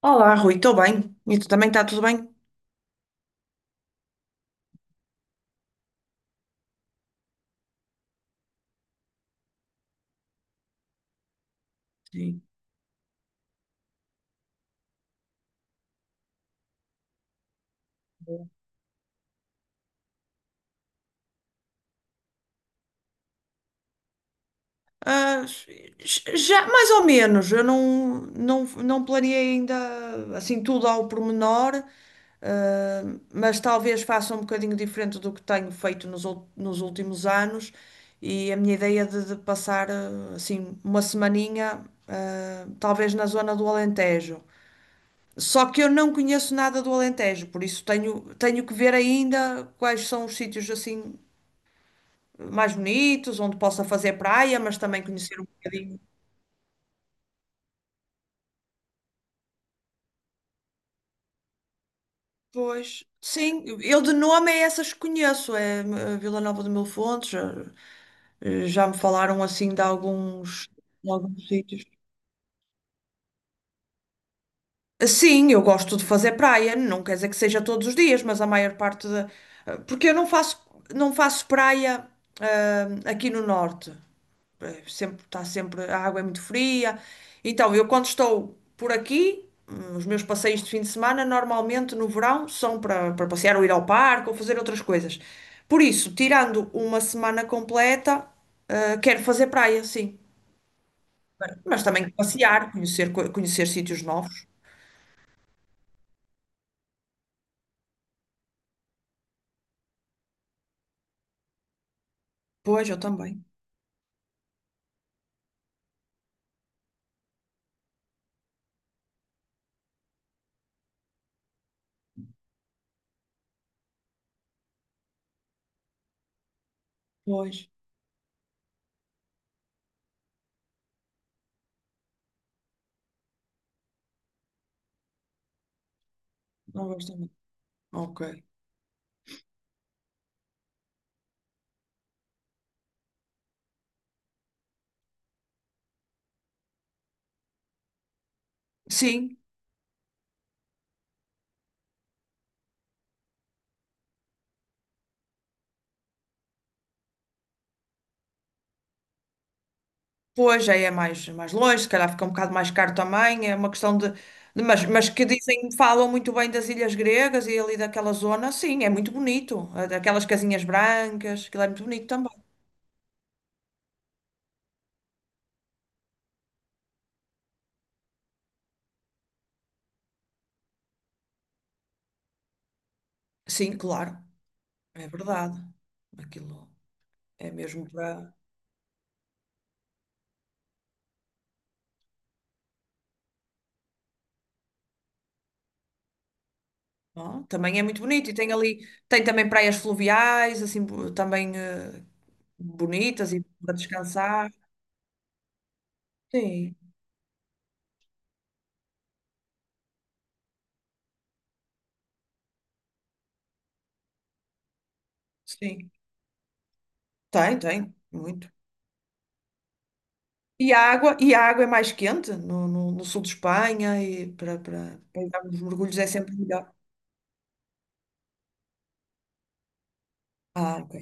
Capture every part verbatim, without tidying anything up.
Olá, Rui, estou bem. E tu também está tudo bem? Sim. Ah, j- já, mais ou menos, eu não, não, não planeei ainda assim tudo ao pormenor, ah, mas talvez faça um bocadinho diferente do que tenho feito nos, ul- nos últimos anos e a minha ideia de, de passar ah, assim uma semaninha, ah, talvez na zona do Alentejo. Só que eu não conheço nada do Alentejo, por isso tenho, tenho que ver ainda quais são os sítios assim mais bonitos, onde possa fazer praia, mas também conhecer um bocadinho. Pois, sim, eu de nome é essas que conheço, é eh, Vila Nova de Mil Fontes, já, eh, já me falaram assim de alguns, de alguns sítios. Sim, eu gosto de fazer praia, não quer dizer que seja todos os dias, mas a maior parte da. Porque eu não faço, não faço praia, ah, aqui no norte. Eh, sempre, está sempre, a água é muito fria. Então, eu quando estou por aqui, hum, os meus passeios de fim de semana, normalmente no verão, são para, para passear ou ir ao parque ou fazer outras coisas. Por isso, tirando uma semana completa, eh, quero fazer praia, sim. Mas também passear, conhecer, co- conhecer sítios novos. Pois, eu também. Pois, não gosto também. Ok. Sim. Pois, aí é mais, mais longe, se calhar fica um bocado mais caro também, é uma questão de, de- mas, mas que dizem, falam muito bem das ilhas gregas e ali daquela zona, sim, é muito bonito, é daquelas casinhas brancas, aquilo é muito bonito também. Sim, claro, é verdade, aquilo é mesmo para... Não? Também é muito bonito e tem ali, tem também praias fluviais, assim, bo- também eh, bonitas e para descansar. Sim, sim, tem, tem, muito. E a água, e a água é mais quente no, no, no sul de Espanha e para para para dar uns mergulhos é sempre melhor. Ah, ok.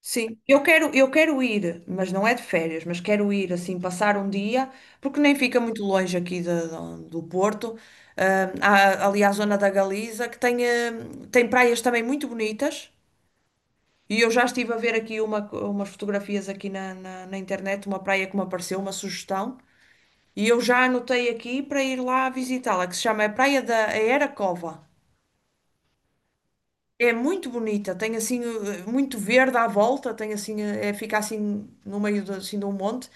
Sim, eu quero, eu quero ir, mas não é de férias, mas quero ir assim, passar um dia, porque nem fica muito longe aqui da- da- do Porto. Ah, há ali a zona da Galiza, que tem, eh, tem praias também muito bonitas. E eu já estive a ver aqui uma, umas fotografias aqui na, na, na internet, uma praia que me apareceu, uma sugestão. E eu já anotei aqui para ir lá visitá-la, que se chama a Praia da Aeracova. É muito bonita, tem assim eh, muito verde à volta, tem assim, eh, é, fica assim no meio de, assim, de um monte.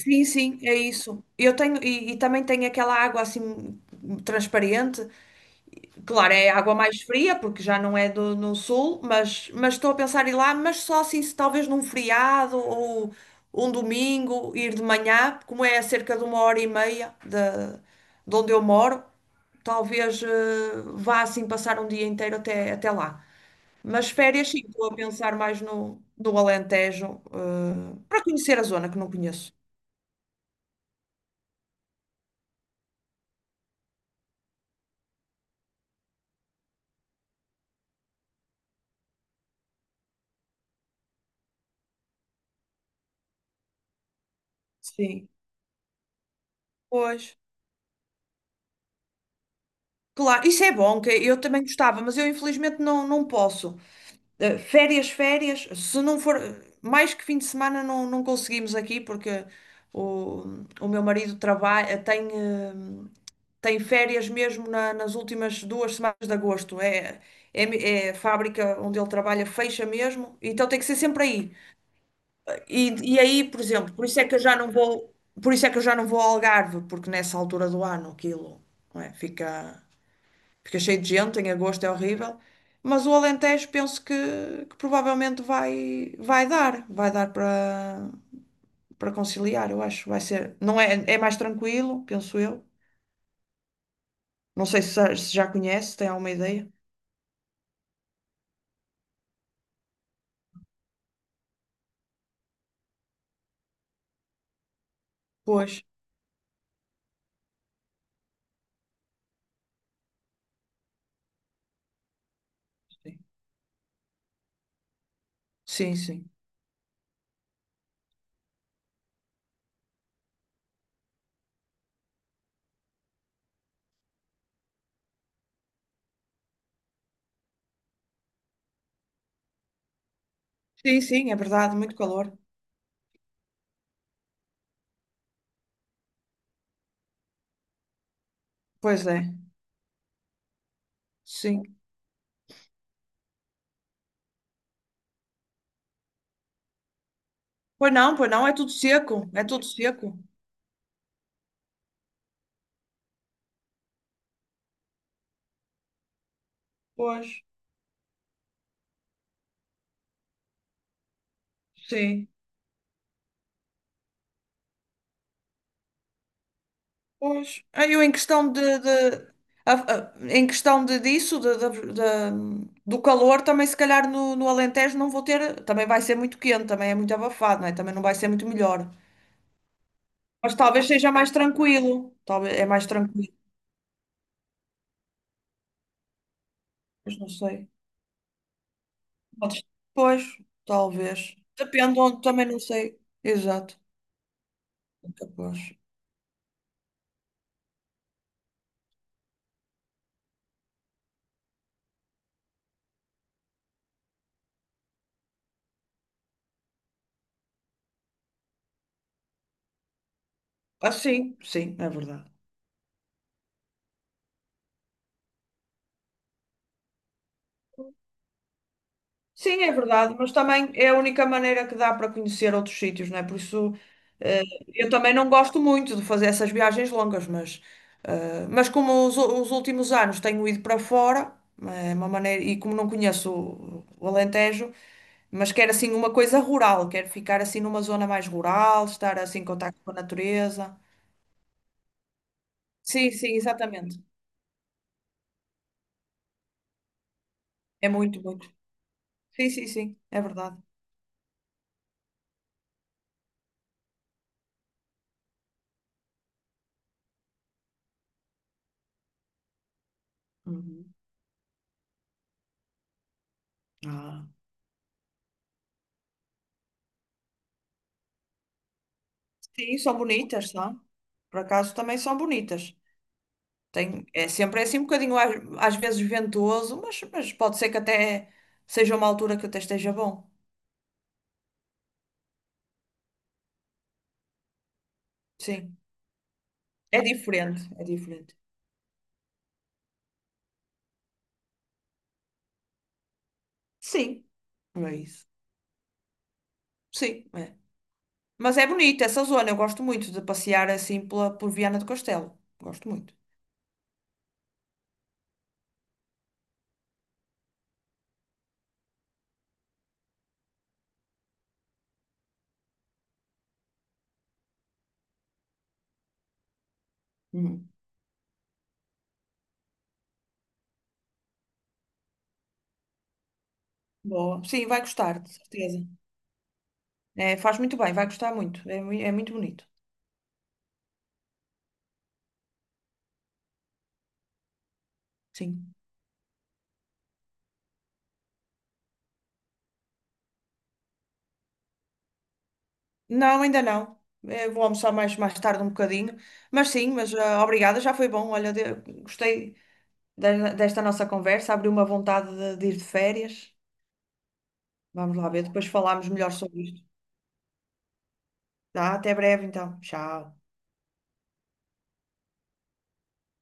Sim, sim, é isso. Eu tenho, e, e também tem aquela água assim transparente. Claro, é água mais fria, porque já não é do, no sul, mas, mas estou a pensar em ir lá, mas só assim, se talvez num feriado ou um domingo, ir de manhã, como é a cerca de uma hora e meia de, de onde eu moro, talvez eh, vá assim passar um dia inteiro até, até lá. Mas férias, sim, estou a pensar mais no, no Alentejo, eh, para conhecer a zona que não conheço. Sim, pois. Claro, isso é bom, que eu também gostava, mas eu infelizmente não, não posso. Eh, férias, férias, se não for mais que fim de semana não, não conseguimos aqui porque o, o meu marido trabalha, tem, eh, tem férias mesmo na- nas últimas duas semanas de agosto. É, é, me- é a fábrica onde ele trabalha fecha mesmo, então tem que ser sempre aí. E, e aí, por exemplo, por isso é que eu já não vou, por isso é que eu já não vou ao Algarve, porque nessa altura do ano aquilo, não é, fica fica cheio de gente, em agosto é horrível. Mas o Alentejo penso que, que provavelmente vai, vai dar, vai dar para para conciliar, eu acho. Vai ser, não é, é mais tranquilo, penso eu. Não sei se, já se já conhece, se tem alguma ideia. Pois, sim, sim. Sim, sim, é verdade, muito calor. Pois é, sim. Pois não, pois não, é tudo seco, é tudo seco. Pois, sim. Pois, aí eu em questão de, de- a- a- em questão de, disso, de- de- de- do calor, também se calhar no, no Alentejo não vou ter, também vai ser muito quente, também é muito abafado, não é? Também não vai ser muito melhor. Mas talvez seja mais tranquilo, talvez é mais tranquilo, mas não sei. Podes- Pois, talvez. Depende onde, também não sei. Exato. Capaz. Ah, sim, sim, é verdade. Sim, é verdade, mas também é a única maneira que dá para conhecer outros sítios, não é? Por isso, eh, eu também não gosto muito de fazer essas viagens longas, mas, eh, mas como os, u- os últimos anos tenho ido para fora, é uma maneira, e como não conheço o, o Alentejo, mas quero assim uma coisa rural, quero ficar assim numa zona mais rural, estar assim em contacto com a natureza. Sim, sim, exatamente. É muito, muito. Sim, sim, sim, é verdade. Uhum. Ah. Sim, são bonitas, são. Por acaso também são bonitas. Tem, é sempre é assim um bocadinho às, às vezes ventoso, mas, mas pode ser que até seja uma altura que até esteja bom. Sim, é diferente, é diferente. Sim, é isso. Sim, é. Mas é bonita essa zona, eu gosto muito de passear assim pela, por Viana do Castelo. Gosto muito. Uhum. Boa. Sim, vai gostar, de certeza. É, faz muito bem, vai gostar muito. É, mui- é muito bonito. Sim. Não, ainda não. Eh, vou almoçar mais, mais tarde um bocadinho. Mas sim, mas ah, obrigada, já foi bom. Olha, de- gostei de- desta nossa conversa, abriu uma vontade de, de ir de férias. Vamos lá ver, depois falamos melhor sobre isto. Tá? Até breve então. Tchau.